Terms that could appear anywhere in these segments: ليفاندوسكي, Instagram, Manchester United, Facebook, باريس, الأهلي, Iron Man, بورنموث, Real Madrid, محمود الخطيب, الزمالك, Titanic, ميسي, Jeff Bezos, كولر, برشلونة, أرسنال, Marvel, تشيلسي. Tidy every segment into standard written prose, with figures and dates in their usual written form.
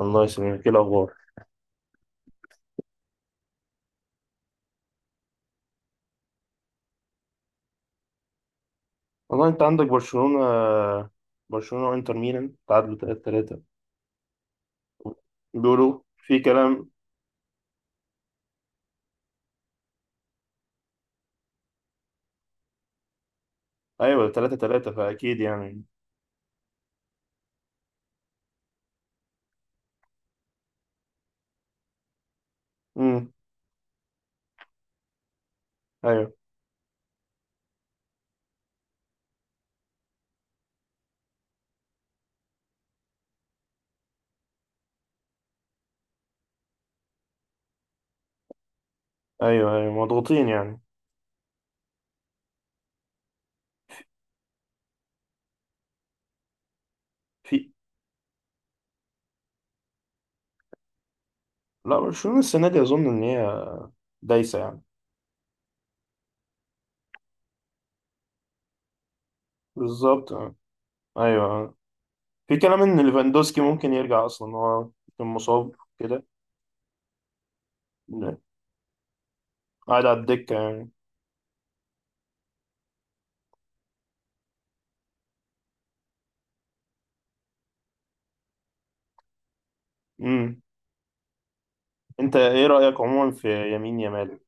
الله يسلمك، ايه الاخبار؟ والله انت عندك برشلونة. برشلونة وانتر ميلان تعادلوا 3-3. بيقولوا في كلام. ايوه 3-3، فاكيد يعني. امم. ايوه، ايوه، ايوه، مضغوطين يعني. في لا، برشلونة السنة دي اظن ان هي دايسة يعني. بالظبط آه. ايوه آه. في كلام ان ليفاندوسكي ممكن يرجع، اصلا هو كان مصاب كده. قاعد على الدكة يعني. امم. انت ايه رأيك عموما في يمين يامال؟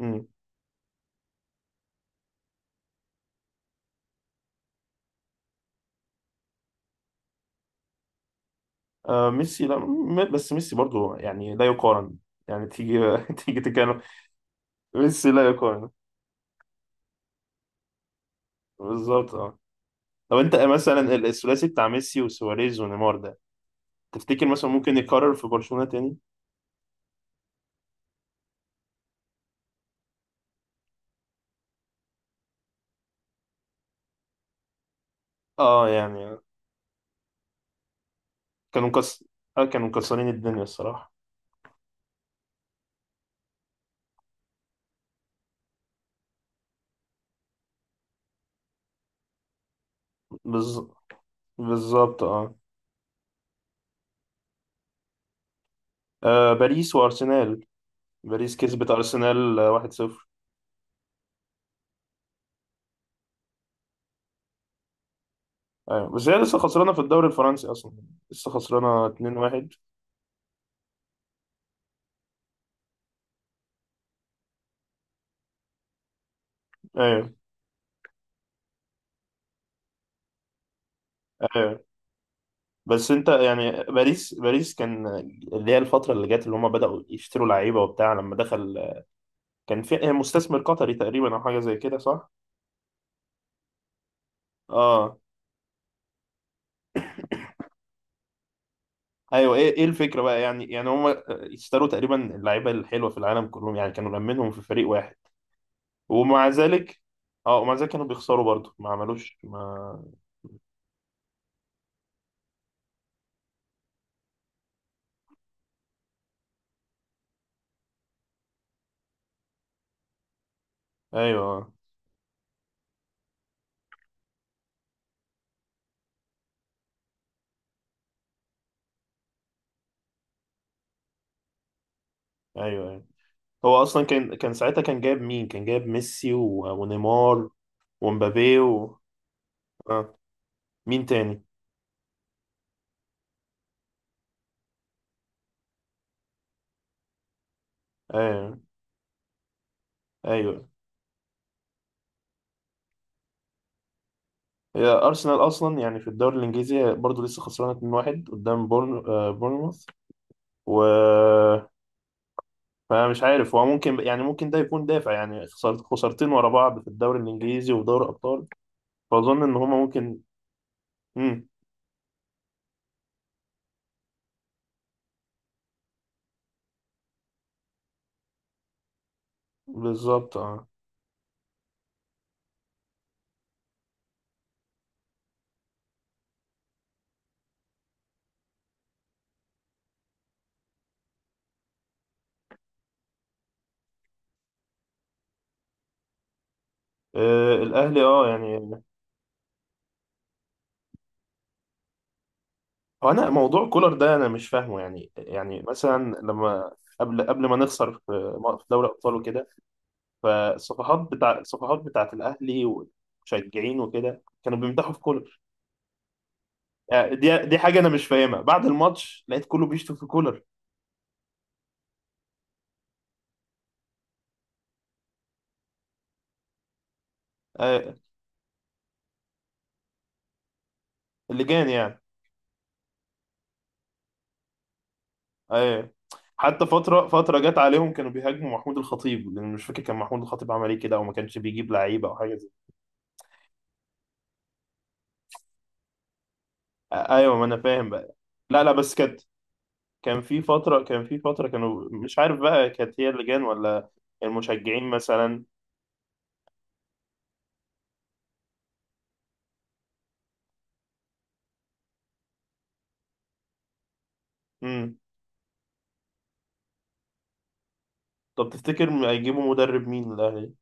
آه. آه، ميسي لا، بس ميسي برضو يعني لا يقارن. يعني تيجي تيجي تتكلم. ميسي لا يقارن. بالظبط اه. لو انت مثلا الثلاثي بتاع ميسي وسواريز ونيمار ده، تفتكر مثلا ممكن يكرر في برشلونة تاني؟ اه يعني. كانوا مكس... آه، كانوا مكسرين الدنيا الصراحة. بز... بالظبط اه. آه، باريس وارسنال. باريس كسبت ارسنال آه، 1-0. ايوه، بس هي لسه خسرانه في الدوري الفرنسي اصلا. لسه خسرانه 2-1. ايوه، ايوه. بس انت يعني باريس كان اللي هي الفتره اللي جت، اللي هم بداوا يشتروا لعيبه وبتاع لما دخل. كان في إيه، مستثمر قطري تقريبا او حاجه زي كده، صح؟ اه. ايوه، ايه الفكره بقى يعني هم اشتروا تقريبا اللعيبه الحلوه في العالم كلهم، يعني كانوا لمنهم في فريق واحد. ومع ذلك. اه، ومع ذلك كانوا بيخسروا برضه، ما عملوش ما. ايوه، ايوه، أيوة. هو اصلا كان ساعتها كان جايب مين، كان جايب ميسي ونيمار ومبابي آه. مين تاني؟ آه. ايوه. هي ارسنال اصلا يعني في الدوري الانجليزي برضه لسه خسرانه 2-1 قدام بورنموث، و فمش عارف هو ممكن، يعني ممكن ده يكون دافع، يعني خسرت خسارتين ورا بعض في الدوري الانجليزي وفي دوري الابطال. فاظن ان هما ممكن. امم. بالظبط اه. آه، الاهلي اه يعني. هو انا موضوع كولر ده انا مش فاهمه، يعني مثلا لما قبل ما نخسر في، في دوري ابطال وكده، فالصفحات بتاع، الصفحات بتاعت الاهلي ومشجعين وكده كانوا بيمدحوا في كولر. آه. دي حاجه انا مش فاهمها، بعد الماتش لقيت كله بيشتم في كولر. آه. اللجان يعني. آه. حتى فتره فتره جت عليهم كانوا بيهاجموا محمود الخطيب، لان مش فاكر كان محمود الخطيب عمل ايه كده، او ما كانش بيجيب لعيبه او حاجه زي. آه. ايوه، ما انا فاهم بقى. لا، لا، بس كانت، كان في فترة كانوا مش عارف بقى، كانت هي اللجان ولا المشجعين مثلا. امم. طب تفتكر هيجيبوا مدرب مين للأهلي؟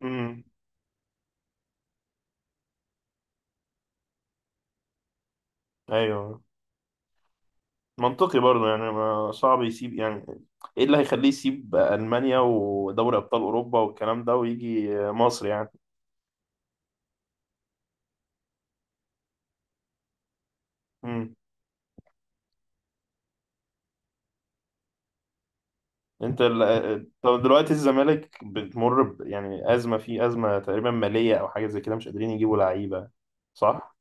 امم. ايوه. منطقي برضه يعني، ما صعب يسيب يعني. ايه اللي هيخليه يسيب ألمانيا ودوري أبطال أوروبا والكلام ده ويجي مصر يعني. امم. انت طب دلوقتي الزمالك بتمر يعني أزمة، فيه أزمة تقريبا مالية أو حاجة زي كده، مش قادرين يجيبوا لعيبة، صح؟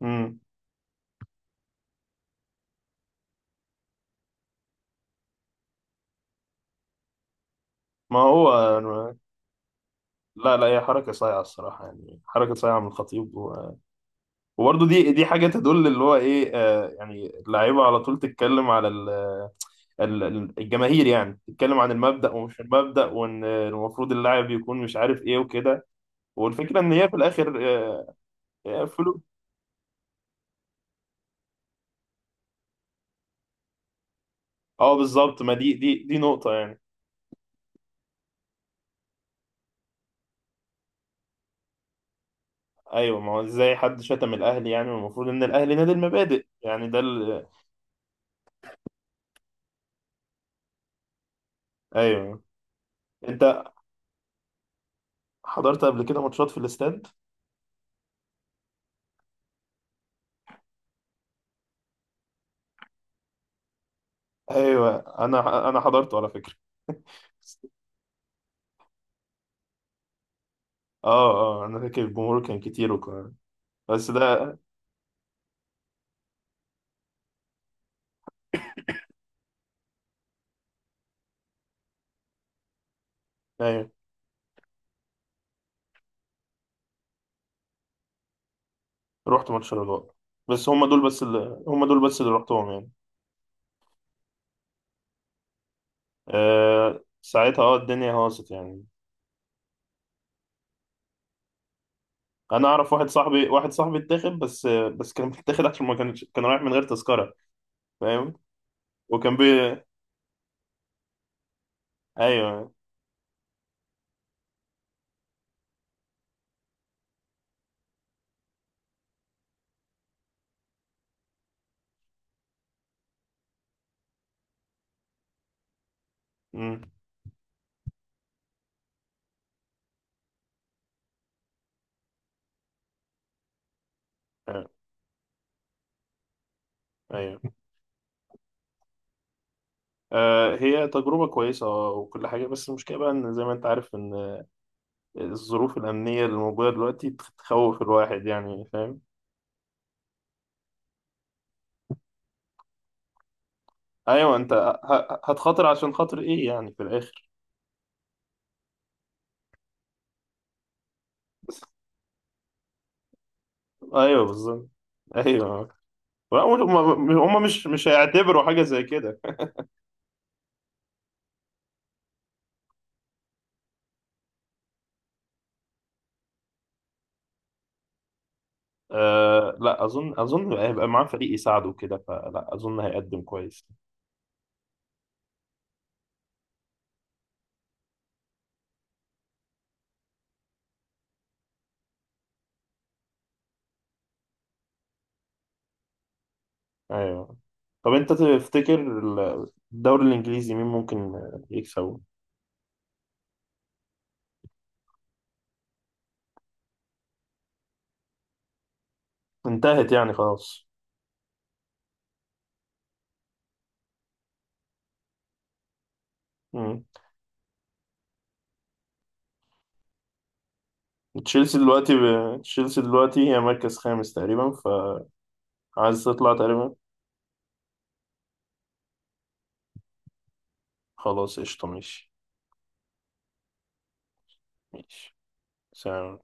امم. ما هو. لا، لا، هي حركة صايعة الصراحة، يعني حركة صايعة من الخطيب. و... وبرضه دي حاجة تدل، اللي هو إيه آه، يعني اللعيبة على طول تتكلم على ال- الجماهير يعني، تتكلم عن المبدأ ومش المبدأ، وإن المفروض اللاعب يكون مش عارف إيه وكده، والفكرة إن هي في الآخر آه، فلوس. أه بالظبط، ما دي، دي نقطة يعني. أيوه، ما هو إزاي حد شتم الأهلي؟ يعني المفروض إن الأهلي نادي المبادئ، يعني ده ال. أيوه. أنت حضرت قبل كده ماتشات في الاستاد؟ ايوه، انا حضرته على فكره اه، اه، انا فاكر الجمهور كان كتير وكان، بس ده، ايوه. رحت ماتش الرجاء. بس هم دول، بس اللي رحتهم يعني. آه ساعتها، الدنيا هاصت يعني. انا اعرف واحد صاحبي، واحد صاحبي اتاخد، بس كان متاخد عشان ما كانش، كان رايح من غير تذكره، فاهم. وكان بي ايوه. امم. ايوه، أيوة. آه، هي تجربه كويسه آه، وكل حاجه، بس المشكله بقى ان زي ما انت عارف ان الظروف الأمنية اللي موجودة دلوقتي تخوف الواحد يعني، فاهم. أيوة أنت هتخاطر عشان خاطر إيه يعني في الآخر؟ أيوة بالظبط. أيوة. لا، هم مش هيعتبروا حاجة زي كده. أه لا، أظن هيبقى معاه فريق يساعده كده، فلا أظن هيقدم كويس. أيوة. طب أنت تفتكر الدوري الإنجليزي مين ممكن يكسبه؟ انتهت يعني خلاص. مم. تشيلسي دلوقتي هي مركز خامس تقريبا، فعايز تطلع تقريبا. خلاص قشطة ماشي. ماشي. سلام.